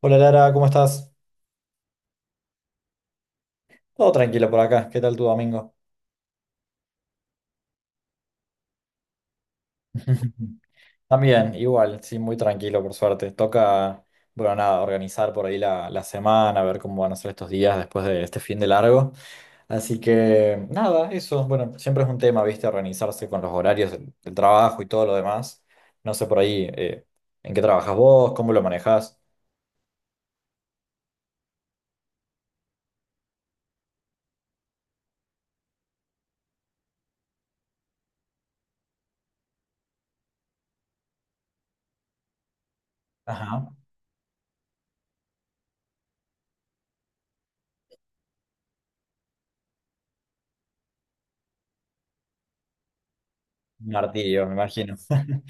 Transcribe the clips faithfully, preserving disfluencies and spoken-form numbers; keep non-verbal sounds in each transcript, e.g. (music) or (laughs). Hola Lara, ¿cómo estás? Todo tranquilo por acá, ¿qué tal tu domingo? (laughs) También, igual, sí, muy tranquilo por suerte. Toca, bueno, nada, organizar por ahí la, la semana, ver cómo van a ser estos días después de este fin de largo. Así que, nada, eso, bueno, siempre es un tema, viste, organizarse con los horarios del, del trabajo y todo lo demás. No sé por ahí, eh, ¿en qué trabajas vos? ¿Cómo lo manejás? Ajá, un martirio, me imagino. (laughs)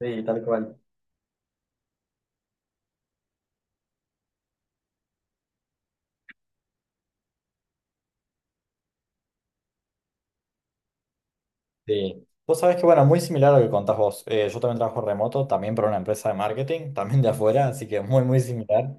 Sí, tal cual. Sí. Vos sabés que, bueno, muy similar a lo que contás vos. Eh, yo también trabajo remoto, también para una empresa de marketing, (laughs) también de afuera, así que muy, muy similar.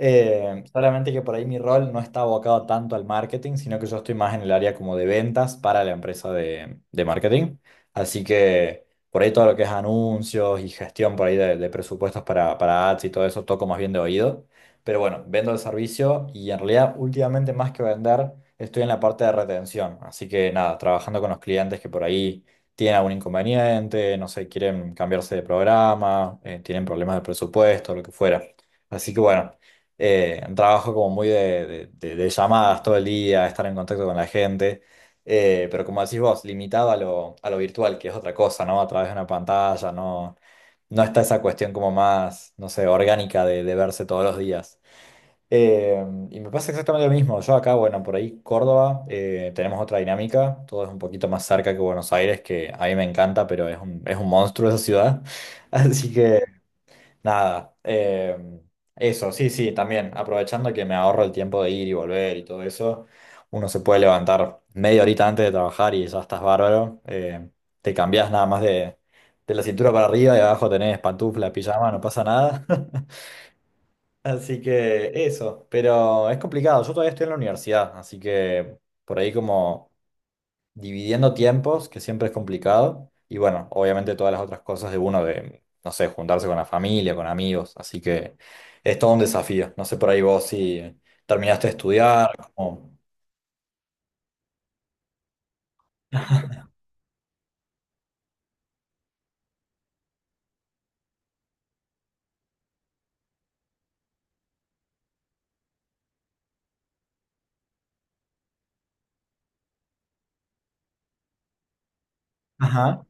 Eh, solamente que por ahí mi rol no está abocado tanto al marketing, sino que yo estoy más en el área como de ventas para la empresa de, de marketing. Así que por ahí todo lo que es anuncios y gestión por ahí de, de presupuestos para, para ads y todo eso toco más bien de oído. Pero bueno, vendo el servicio y en realidad últimamente más que vender, estoy en la parte de retención. Así que nada, trabajando con los clientes que por ahí tienen algún inconveniente, no sé, quieren cambiarse de programa, eh, tienen problemas de presupuesto, lo que fuera. Así que bueno, eh, trabajo como muy de, de- de- de llamadas todo el día, estar en contacto con la gente. Eh, pero como decís vos, limitado a lo, a lo virtual, que es otra cosa, ¿no? A través de una pantalla, no, no está esa cuestión como más, no sé, orgánica de de verse todos los días. Eh, y me pasa exactamente lo mismo. Yo acá, bueno, por ahí Córdoba, eh, tenemos otra dinámica. Todo es un poquito más cerca que Buenos Aires, que a mí me encanta, pero es un, es un monstruo esa ciudad. (laughs) Así que, nada. Eh, eso, sí, sí, también. Aprovechando que me ahorro el tiempo de ir y volver y todo eso, uno se puede levantar media horita antes de trabajar y ya estás bárbaro. Eh, te cambiás nada más de, de la cintura para arriba y abajo tenés pantufla, pijama, no pasa nada. (laughs) Así que eso, pero es complicado. Yo todavía estoy en la universidad, así que por ahí como dividiendo tiempos, que siempre es complicado. Y bueno, obviamente todas las otras cosas de uno de, no sé, juntarse con la familia, con amigos. Así que es todo un desafío. No sé por ahí vos si terminaste de estudiar, como... Ajá.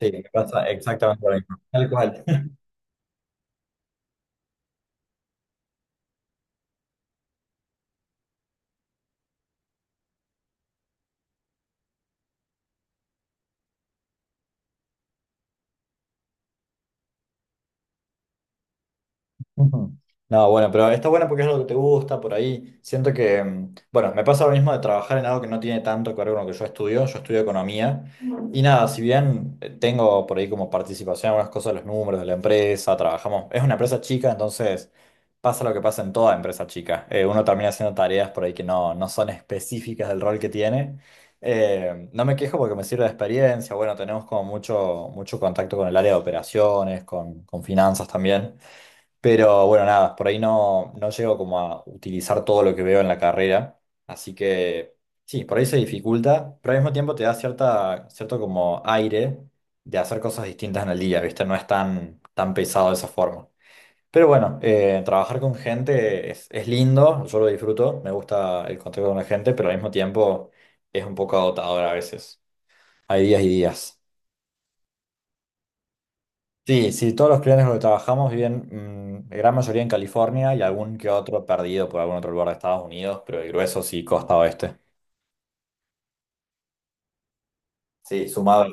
Sí, me pasa exactamente lo mismo. Tal cual. Ujú. No, bueno, pero está bueno porque es algo que te gusta por ahí. Siento que, mm, bueno, me pasa lo mismo de trabajar en algo que no tiene tanto que ver con lo que yo estudio. Yo estudio economía y nada, si bien eh, tengo por ahí como participación en algunas cosas, los números de la empresa, trabajamos, es una empresa chica, entonces pasa lo que pasa en toda empresa chica. Eh, uno termina haciendo tareas por ahí que no, no son específicas del rol que tiene. Eh, no me quejo porque me sirve de experiencia. Bueno, tenemos como mucho, mucho contacto con el área de operaciones, con, con finanzas también. Pero bueno, nada, por ahí no, no llego como a utilizar todo lo que veo en la carrera. Así que sí, por ahí se dificulta, pero al mismo tiempo te da cierta, cierto como aire de hacer cosas distintas en el día, ¿viste? No es tan, tan pesado de esa forma. Pero bueno, eh, trabajar con gente es, es lindo, yo lo disfruto, me gusta el contacto con la gente, pero al mismo tiempo es un poco agotador a veces. Hay días y días. Sí, sí, todos los clientes con los que trabajamos viven, mm, la gran mayoría en California y algún que otro perdido por algún otro lugar de Estados Unidos, pero el grueso sí, costa oeste. Sí, sumado.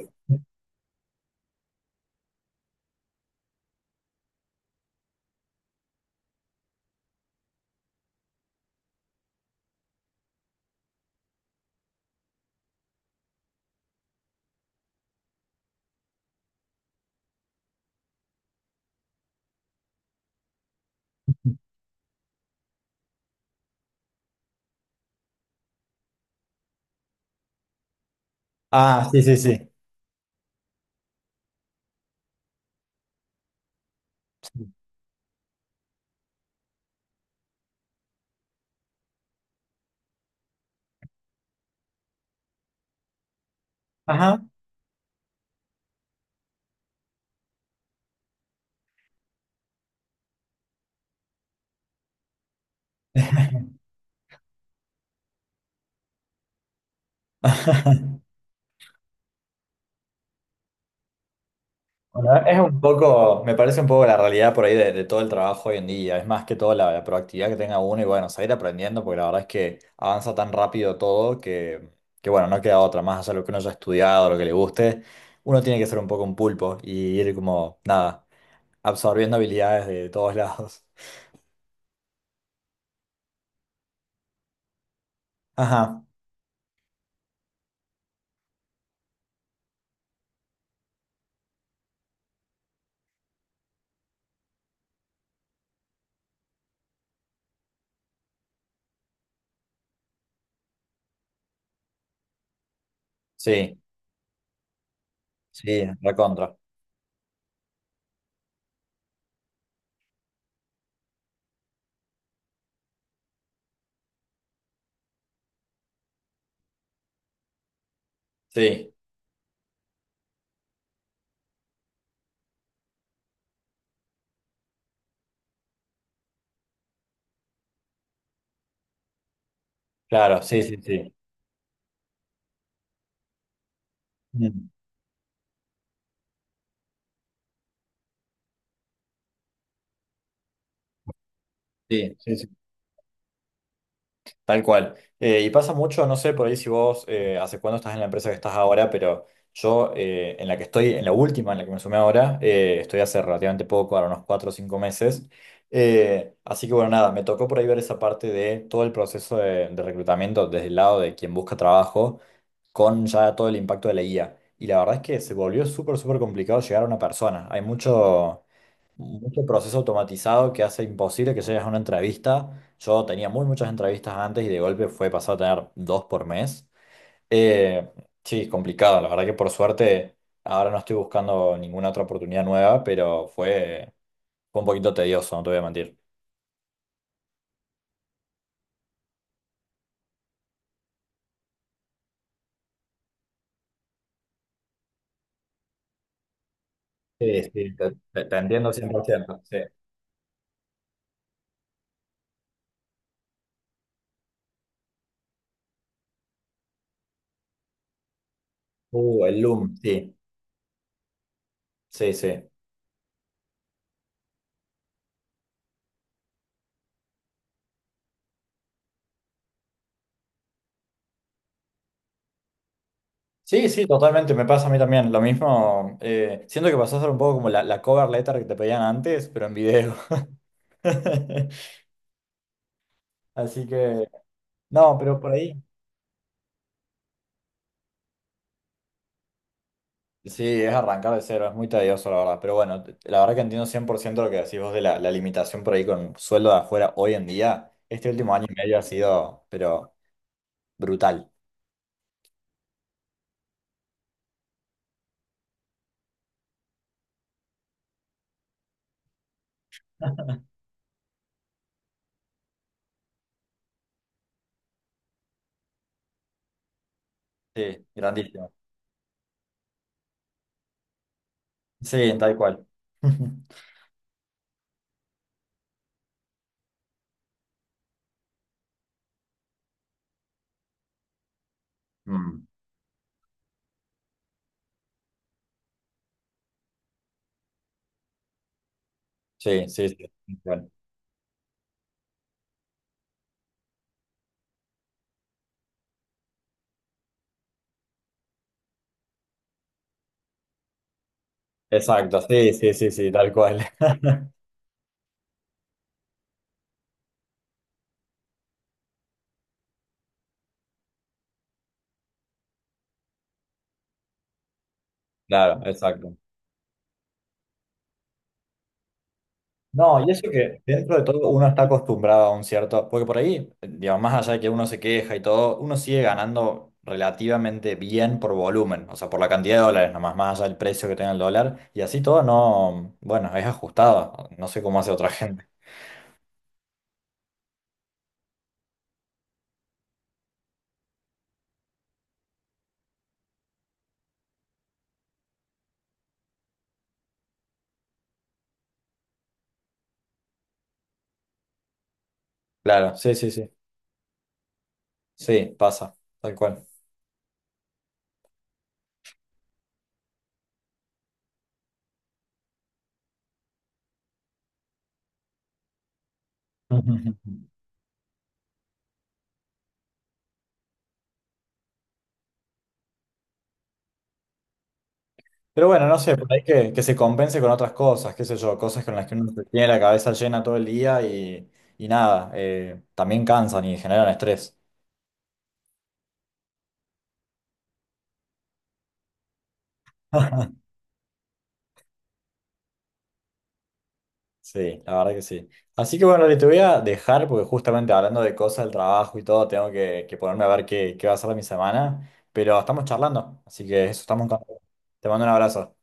Ah, sí, sí, sí. Ajá. (laughs) Bueno, es un poco, me parece un poco la realidad por ahí de, de todo el trabajo hoy en día. Es más que todo la, la proactividad que tenga uno y bueno, seguir aprendiendo, porque la verdad es que avanza tan rápido todo que, que bueno, no queda otra más allá de lo que uno haya estudiado, lo que le guste. Uno tiene que ser un poco un pulpo y ir como, nada absorbiendo habilidades de todos lados. (laughs) Ajá, sí, sí, recontra. Sí, claro, sí, sí, sí. Mm. Sí, sí, sí, tal cual. Eh, y pasa mucho, no sé por ahí si vos, eh, hace cuándo estás en la empresa que estás ahora, pero yo eh, en la que estoy, en la última, en la que me sumé ahora, eh, estoy hace relativamente poco, ahora unos cuatro o cinco meses. Eh, así que bueno, nada, me tocó por ahí ver esa parte de todo el proceso de, de reclutamiento desde el lado de quien busca trabajo con ya todo el impacto de la I A. Y la verdad es que se volvió súper, súper complicado llegar a una persona. Hay mucho, mucho proceso automatizado que hace imposible que llegues a una entrevista. Yo tenía muy muchas entrevistas antes y de golpe fue pasado a tener dos por mes. Eh, sí, complicado. La verdad que por suerte ahora no estoy buscando ninguna otra oportunidad nueva, pero fue, fue un poquito tedioso, no te voy a mentir. Sí, sí, te, te- te entiendo cien por ciento. Sí. Uh, el Loom, sí, sí, sí. Sí, sí, totalmente, me pasa a mí también. Lo mismo, eh, siento que pasó a ser un poco como la, la cover letter que te pedían antes, pero en video. (laughs) Así que, no, pero por ahí. Sí, es arrancar de cero, es muy tedioso, la verdad. Pero bueno, te- la verdad que entiendo cien por ciento lo que decís vos de la, la limitación por ahí con sueldo de afuera hoy en día. Este último año y medio ha sido, pero brutal. Sí, grandísimo. Sí, tal cual. (laughs) Mm. Sí, sí, sí, tal cual. Exacto, sí, sí, sí, sí, tal cual. (laughs) Claro, exacto. No, y eso que dentro de todo uno está acostumbrado a un cierto, porque por ahí, digamos, más allá de que uno se queja y todo, uno sigue ganando relativamente bien por volumen, o sea, por la cantidad de dólares, nomás más allá del precio que tenga el dólar, y así todo no, bueno, es ajustado, no sé cómo hace otra (laughs) gente. Claro, sí, sí, sí, sí, pasa, tal cual. (laughs) Ujú. Pero bueno, no sé, por ahí que, que se compense con otras cosas, qué sé yo, cosas con las que uno se tiene la cabeza llena todo el día y, y nada, eh, también cansan y generan estrés. (laughs) Sí, la verdad que sí. Así que bueno, le te voy a dejar porque justamente hablando de cosas del trabajo y todo, tengo que, que ponerme a ver qué, qué va a ser de mi semana, pero estamos charlando, así que eso estamos en contacto. Te mando un abrazo.